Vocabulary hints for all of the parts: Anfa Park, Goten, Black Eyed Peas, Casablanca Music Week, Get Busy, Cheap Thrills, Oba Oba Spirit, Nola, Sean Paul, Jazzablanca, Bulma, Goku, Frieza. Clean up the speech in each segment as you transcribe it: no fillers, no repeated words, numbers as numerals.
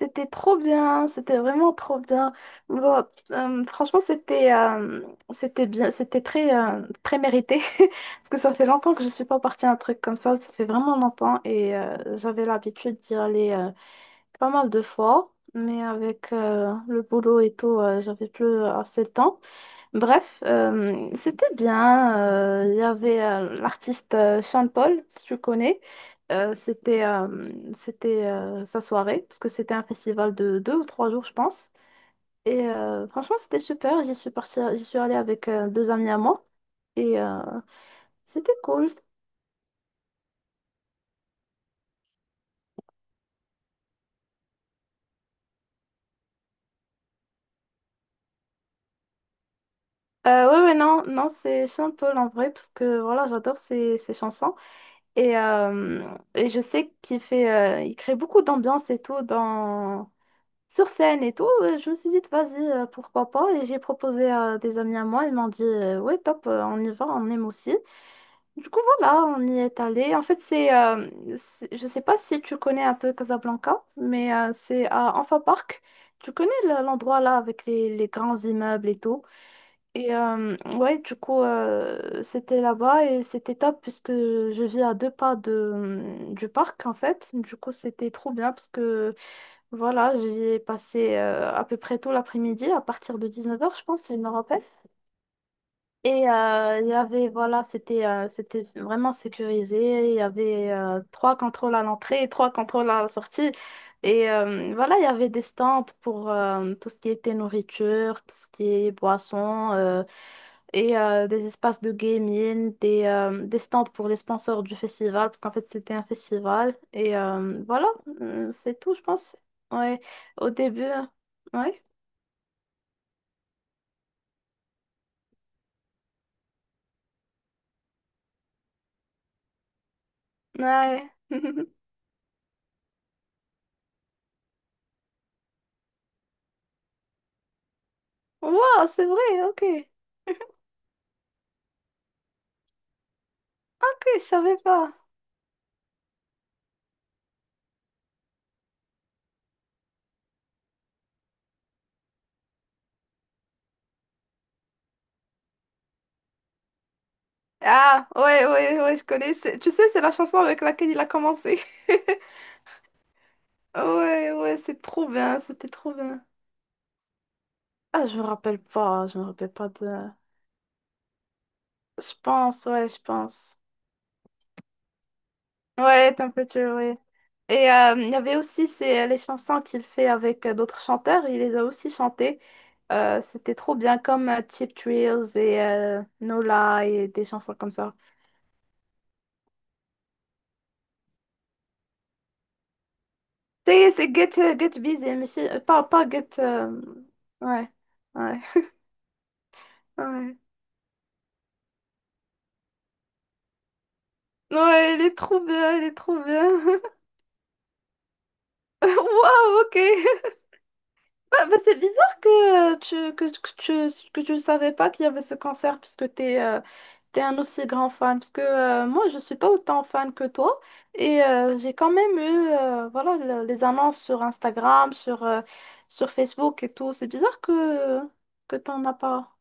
C'était trop bien, c'était vraiment trop bien. Bon, franchement, c'était bien, c'était très très mérité parce que ça fait longtemps que je suis pas partie à un truc comme ça fait vraiment longtemps et j'avais l'habitude d'y aller pas mal de fois, mais avec le boulot et tout, j'avais plus assez de temps. Bref, c'était bien. Il y avait l'artiste Sean Paul, si tu connais. Euh, c'était euh, c'était sa soirée, parce que c'était un festival de deux ou trois jours, je pense. Et franchement, c'était super. J'y suis partie, j'y suis allée avec deux amis à moi. Et c'était cool. Ouais, ouais, non, non, c'est Sean Paul en vrai, parce que voilà, j'adore ses chansons. Et, euh, et je sais qu'il fait, il crée beaucoup d'ambiance et tout dans. Sur scène et tout, je me suis dit, vas-y, pourquoi pas. Et j'ai proposé à des amis à moi, ils m'ont dit, ouais, top, on y va, on aime aussi. Du coup, voilà, on y est allé. En fait, je sais pas si tu connais un peu Casablanca, mais c'est à Anfa Park. Tu connais l'endroit là avec les grands immeubles et tout. Et ouais, du coup, c'était là-bas et c'était top puisque je vis à deux pas du parc en fait. Du coup, c'était trop bien parce que. Voilà, j'y ai passé à peu près tout l'après-midi, à partir de 19h, je pense, il me rappelle. Et il y avait, voilà, c'était vraiment sécurisé. Il y avait trois contrôles à l'entrée et trois contrôles à la sortie. Et voilà, il y avait des stands pour tout ce qui était nourriture, tout ce qui est boisson. Et des espaces de gaming, des stands pour les sponsors du festival, parce qu'en fait c'était un festival. Et voilà, c'est tout, je pense. Ouais, au début, hein. Ouais, ouais. Wow, c'est vrai, ok. Ok, je savais pas. Ah, ouais, ouais, ouais, je connais. Tu sais, c'est la chanson avec laquelle il a commencé. Ouais, ouais, c'est trop bien, c'était trop bien. Ah, je me rappelle pas, je me rappelle pas de... je pense. Ouais, t'es un peu tué, ouais. Et il y avait aussi les chansons qu'il fait avec d'autres chanteurs, il les a aussi chantées. C'était trop bien, comme Cheap Thrills et Nola et des chansons comme ça. C'est Get Busy, mais pas Get... Ouais, ouais, ouais. Ouais, il est trop bien, il est trop bien. Waouh, ok. Ah, bah, c'est bizarre que tu, que tu ne savais pas qu'il y avait ce concert puisque tu es un aussi grand fan. Parce que moi, je ne suis pas autant fan que toi. Et j'ai quand même eu voilà, les annonces sur Instagram, sur Facebook et tout. C'est bizarre que tu n'en as pas.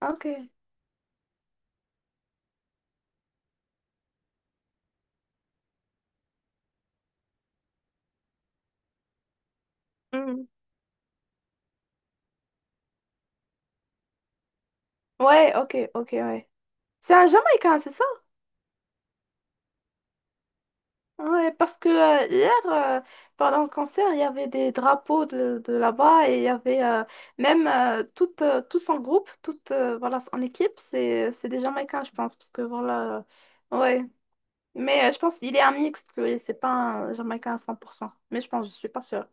Ah, ok. Hmm. Ouais, ok, ok, ouais. C'est un Jamaïcain, c'est ça? Ouais, parce que hier, pendant le concert, il y avait des drapeaux de là-bas et il y avait même tout, tous en groupe, tout, voilà, en équipe, c'est des Jamaïcains, je pense, parce que voilà, ouais. Mais je pense qu'il est un mixte, lui, c'est pas un Jamaïcain à 100%, mais je pense, je suis pas sûre.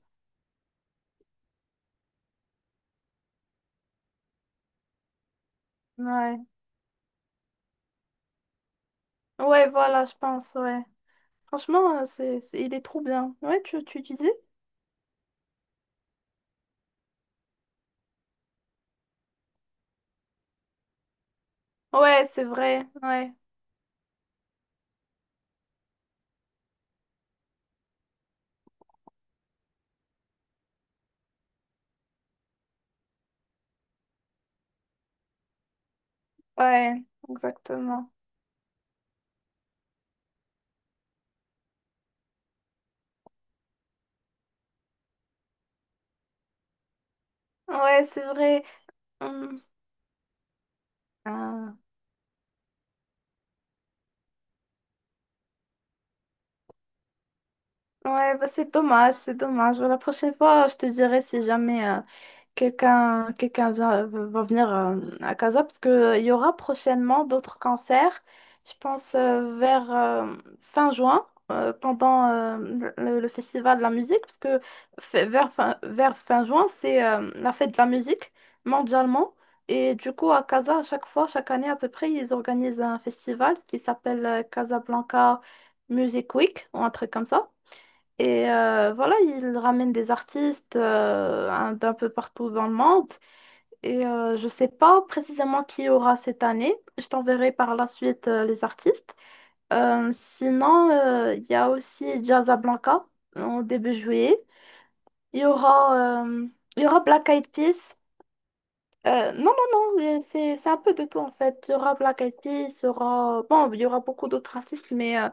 Ouais, ouais, voilà, je pense, ouais. Franchement, il est trop bien. Ouais, tu disais? Ouais, c'est vrai, ouais, ouais, exactement. Ouais, c'est vrai. Hum. Ouais, bah c'est dommage, c'est dommage. Bah, la prochaine fois, je te dirai si jamais quelqu'un va venir à Casa, parce que il y aura prochainement d'autres concerts, je pense vers fin juin, pendant le festival de la musique, parce que vers fin juin, c'est la fête de la musique mondialement. Et du coup, à Casa, à chaque fois, chaque année à peu près, ils organisent un festival qui s'appelle Casablanca Music Week, ou un truc comme ça. Et voilà, ils ramènent des artistes d'un peu partout dans le monde. Et je ne sais pas précisément qui y aura cette année. Je t'enverrai par la suite les artistes. Sinon, il y a aussi Jazzablanca en début juillet. Il y aura, euh, il y aura Black Eyed Peas. Non, non, non, mais c'est un peu de tout en fait. Il y aura Black Eyed Peas, il y aura... Bon, il y aura beaucoup d'autres artistes, mais...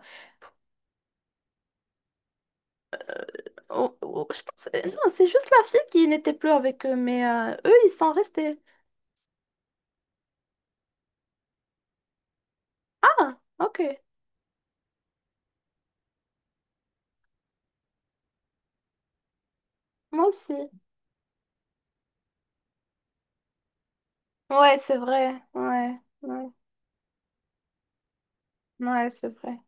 Oh, oh, je pense... Non, c'est juste la fille qui n'était plus avec eux, mais eux, ils sont restés. Ah, ok. Moi aussi. Ouais, c'est vrai. Ouais, ouais, ouais, c'est vrai.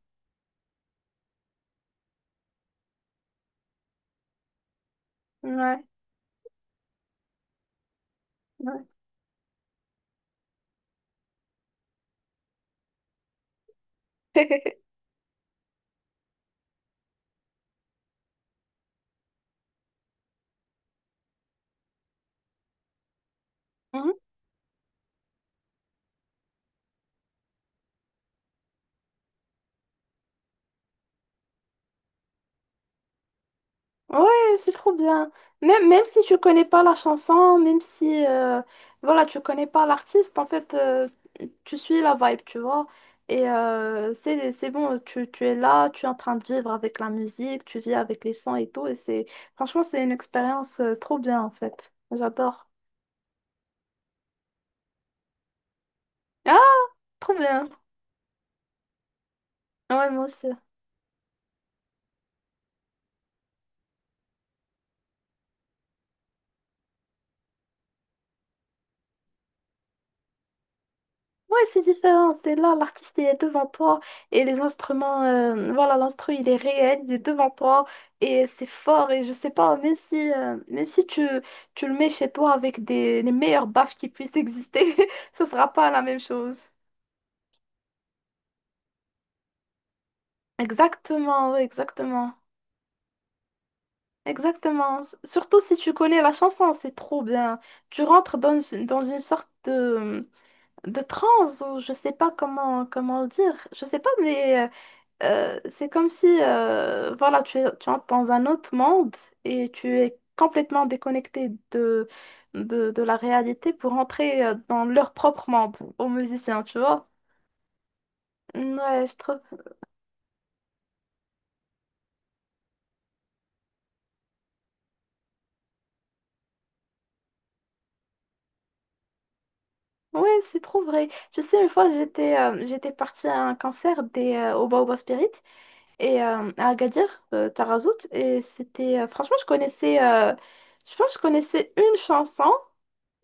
Ouais, ouais. Ouais, c'est trop bien. Même si tu connais pas la chanson, même si voilà, tu connais pas l'artiste, en fait, tu suis la vibe, tu vois. Et c'est bon, tu es là, tu es en train de vivre avec la musique, tu vis avec les sons et tout. Et c'est franchement, c'est une expérience trop bien, en fait. J'adore. Ah, trop bien. Ouais, moi aussi. Ouais, c'est différent. C'est là, l'artiste, il est devant toi et les instruments, voilà, l'instru, il est réel, il est devant toi et c'est fort. Et je sais pas, même si tu le mets chez toi avec les meilleures baffes qui puissent exister, ce sera pas la même chose. Exactement, oui, exactement. Exactement. Surtout si tu connais la chanson, c'est trop bien. Tu rentres dans une sorte de transe ou je sais pas comment le dire. Je sais pas, mais. C'est comme si voilà, tu entres dans un autre monde et tu es complètement déconnecté de la réalité pour entrer dans leur propre monde aux musiciens, tu vois? Mm, ouais, je trouve. Ouais, c'est trop vrai. Tu sais, une fois, j'étais partie à un concert des Oba Oba Spirit et à Agadir, Tarazout, et c'était franchement, je connaissais je pense que je connaissais une chanson,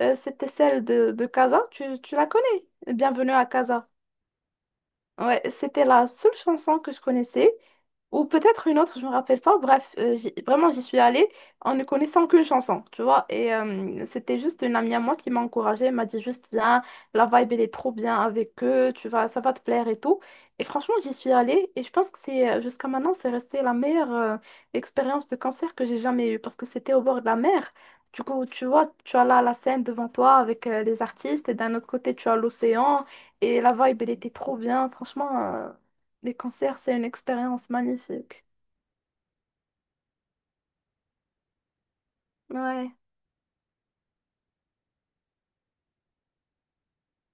c'était celle de Casa. Tu la connais? Bienvenue à Casa. Ouais, c'était la seule chanson que je connaissais, ou peut-être une autre, je me rappelle pas. Bref, vraiment, j'y suis allée en ne connaissant qu'une chanson, tu vois. Et c'était juste une amie à moi qui m'a encouragée, elle m'a dit juste viens, la vibe elle est trop bien avec eux, tu vas, ça va te plaire et tout. Et franchement, j'y suis allée et je pense que c'est jusqu'à maintenant, c'est resté la meilleure expérience de concert que j'ai jamais eue parce que c'était au bord de la mer. Du coup, tu vois, tu as là la scène devant toi avec les artistes et d'un autre côté, tu as l'océan. Et la vibe, elle était trop bien. Franchement, les concerts, c'est une expérience magnifique. Ouais.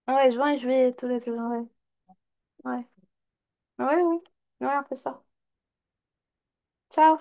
Ouais, juin et juillet, tous les deux. Ouais. Ouais. Ouais, ouais. Ouais, on fait ça. Ciao.